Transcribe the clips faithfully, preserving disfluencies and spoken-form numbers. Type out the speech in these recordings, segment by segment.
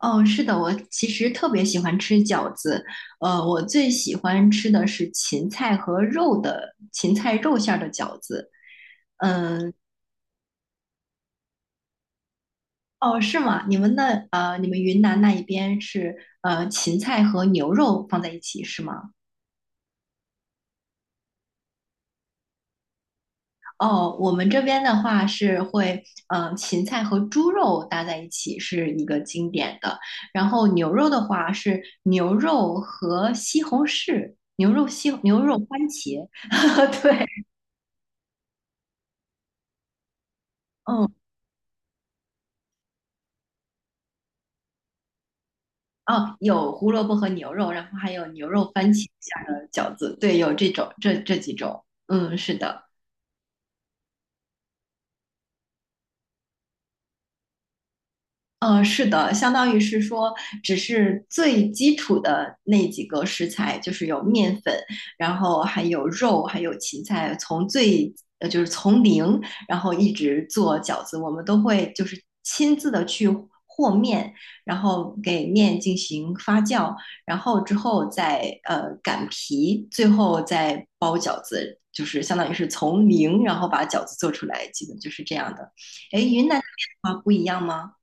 哦，是的，我其实特别喜欢吃饺子，呃，我最喜欢吃的是芹菜和肉的芹菜肉馅儿的饺子。嗯。哦，是吗？你们那呃，你们云南那一边是呃芹菜和牛肉放在一起是吗？哦，我们这边的话是会呃芹菜和猪肉搭在一起是一个经典的，然后牛肉的话是牛肉和西红柿，牛肉西牛肉番茄。对。嗯。哦，有胡萝卜和牛肉，然后还有牛肉番茄下的饺子，对，有这种这这几种，嗯，是的。呃，是的，相当于是说，只是最基础的那几个食材，就是有面粉，然后还有肉，还有芹菜，从最呃就是从零，然后一直做饺子，我们都会就是亲自的去和面，然后给面进行发酵，然后之后再呃擀皮，最后再包饺子，就是相当于是从零，然后把饺子做出来，基本就是这样的。哎，云南那边的话不一样吗？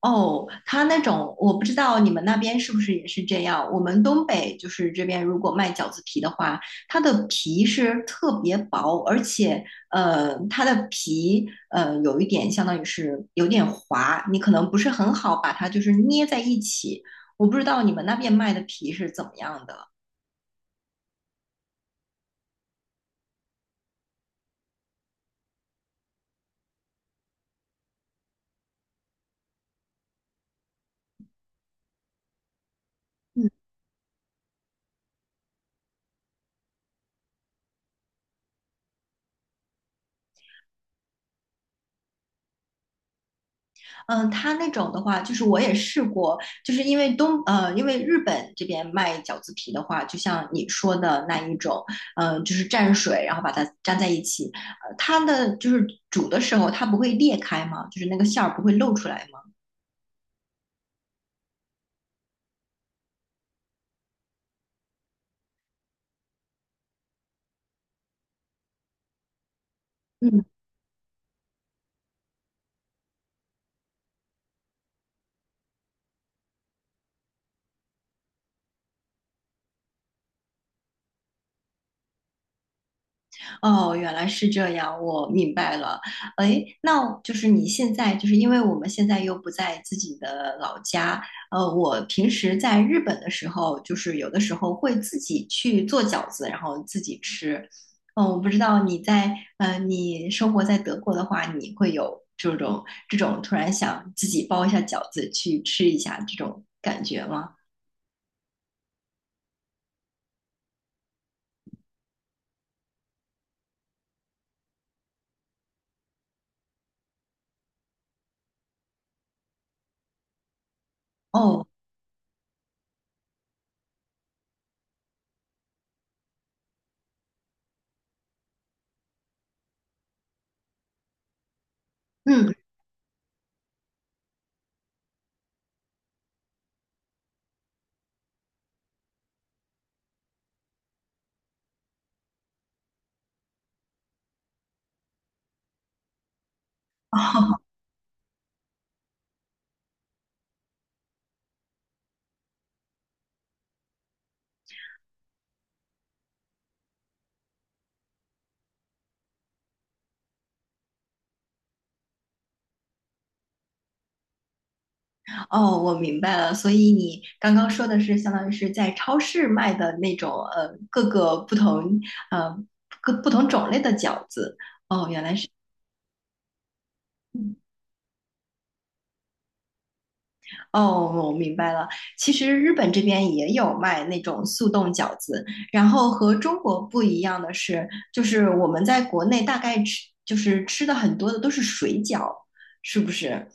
哦，他那种我不知道你们那边是不是也是这样。我们东北就是这边，如果卖饺子皮的话，它的皮是特别薄，而且呃，它的皮呃有一点相当于是有点滑，你可能不是很好把它就是捏在一起。我不知道你们那边卖的皮是怎么样的。嗯，它那种的话，就是我也试过，就是因为东呃，因为日本这边卖饺子皮的话，就像你说的那一种，嗯，就是蘸水，然后把它粘在一起，呃，它的就是煮的时候它不会裂开吗？就是那个馅儿不会露出来吗？哦，原来是这样，我明白了。哎，那就是你现在，就是因为我们现在又不在自己的老家，呃，我平时在日本的时候，就是有的时候会自己去做饺子，然后自己吃。嗯，我不知道你在，呃，你生活在德国的话，你会有这种这种突然想自己包一下饺子去吃一下这种感觉吗？哦。嗯。哦，我明白了。所以你刚刚说的是，相当于是在超市卖的那种，呃，各个不同，呃，各不同种类的饺子。哦，原来是。哦，我明白了。其实日本这边也有卖那种速冻饺子，然后和中国不一样的是，就是我们在国内大概吃，就是吃的很多的都是水饺，是不是？啊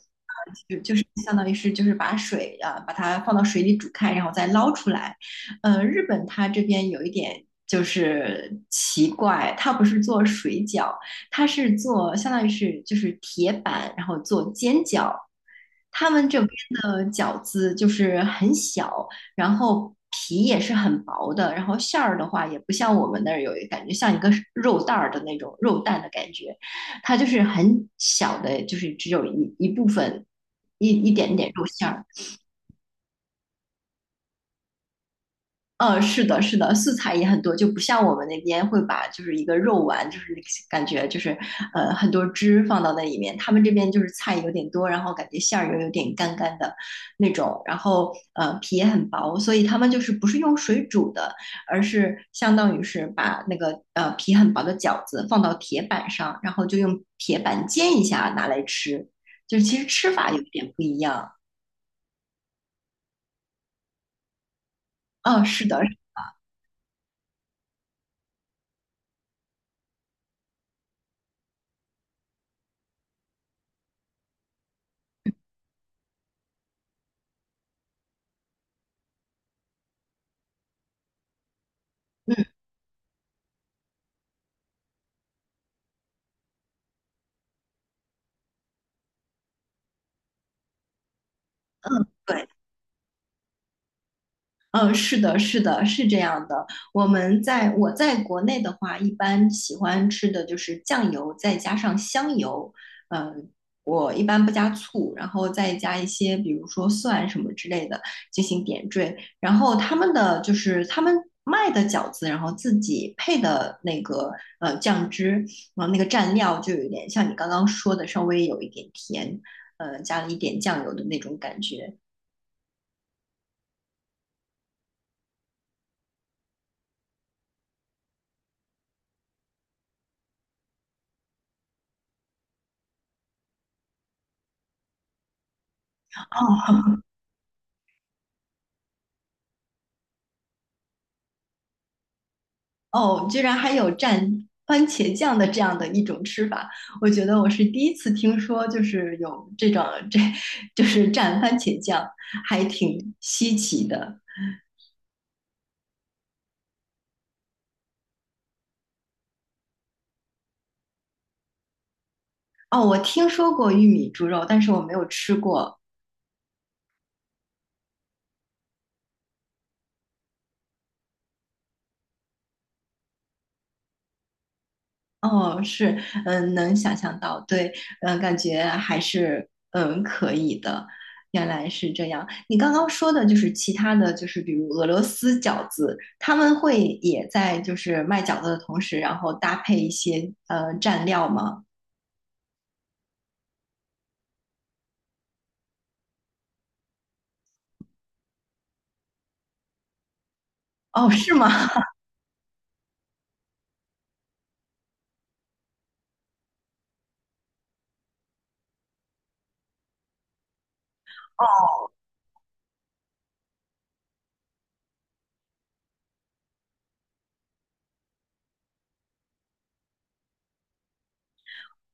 就就是相当于是就是把水啊，把它放到水里煮开，然后再捞出来。呃，日本它这边有一点就是奇怪，它不是做水饺，他是做相当于是就是铁板，然后做煎饺。他们这边的饺子就是很小，然后皮也是很薄的，然后馅儿的话也不像我们那儿有感觉像一个肉蛋儿的那种肉蛋的感觉，它就是很小的，就是只有一一部分一一点点肉馅儿。嗯，是的，是的，素菜也很多，就不像我们那边会把就是一个肉丸，就是感觉就是呃很多汁放到那里面，他们这边就是菜有点多，然后感觉馅儿又有点干干的那种，然后呃皮也很薄，所以他们就是不是用水煮的，而是相当于是把那个呃皮很薄的饺子放到铁板上，然后就用铁板煎一下拿来吃，就是其实吃法有点不一样。嗯，是的，嗯，对。嗯，是的，是的，是这样的。我们在我在国内的话，一般喜欢吃的就是酱油，再加上香油。嗯，我一般不加醋，然后再加一些，比如说蒜什么之类的进行点缀。然后他们的就是他们卖的饺子，然后自己配的那个呃酱汁，然后那个蘸料就有点像你刚刚说的，稍微有一点甜，呃，加了一点酱油的那种感觉。哦。哦，居然还有蘸番茄酱的这样的一种吃法，我觉得我是第一次听说，就是有这种这，就是蘸番茄酱，还挺稀奇的。哦，我听说过玉米猪肉，但是我没有吃过。哦，是，嗯，能想象到，对，嗯，感觉还是嗯可以的，原来是这样。你刚刚说的就是其他的就是比如俄罗斯饺子，他们会也在就是卖饺子的同时，然后搭配一些呃蘸料吗？哦，是吗？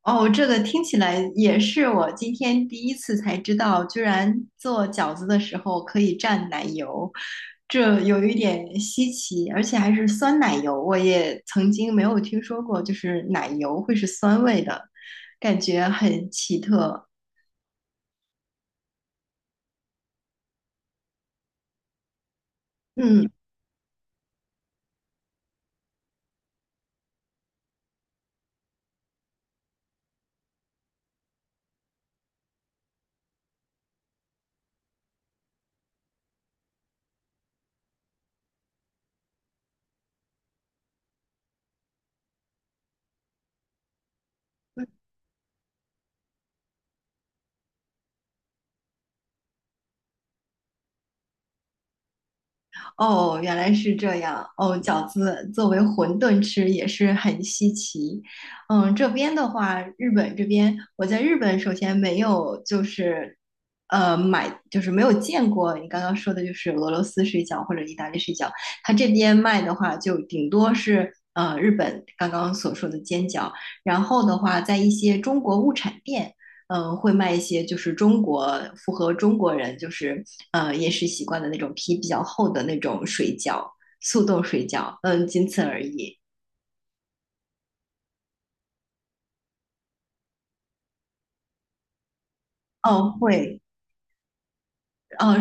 哦，这个听起来也是我今天第一次才知道，居然做饺子的时候可以蘸奶油，这有一点稀奇，而且还是酸奶油，我也曾经没有听说过，就是奶油会是酸味的，感觉很奇特。嗯。哦，原来是这样。哦，饺子作为馄饨吃也是很稀奇。嗯，这边的话，日本这边，我在日本首先没有就是呃买，就是没有见过你刚刚说的，就是俄罗斯水饺或者意大利水饺。它这边卖的话，就顶多是呃日本刚刚所说的煎饺，然后的话，在一些中国物产店。嗯，会卖一些就是中国符合中国人就是呃饮食习惯的那种皮比较厚的那种水饺，速冻水饺，嗯，仅此而已。哦，会。哦。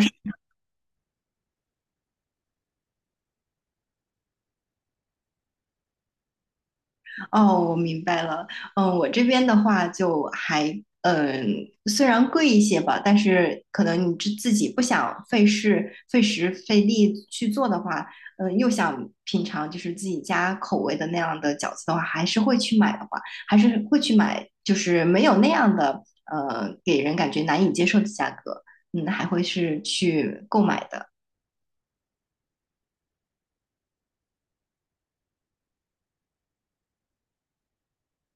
哦，我明白了。嗯，我这边的话就还，嗯，虽然贵一些吧，但是可能你自自己不想费事、费时、费力去做的话，嗯，又想品尝就是自己家口味的那样的饺子的话，还是会去买的话，还是会去买，就是没有那样的，呃，给人感觉难以接受的价格，嗯，还会是去购买的。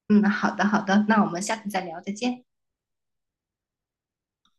嗯，好的，好的，那我们下次再聊，再见。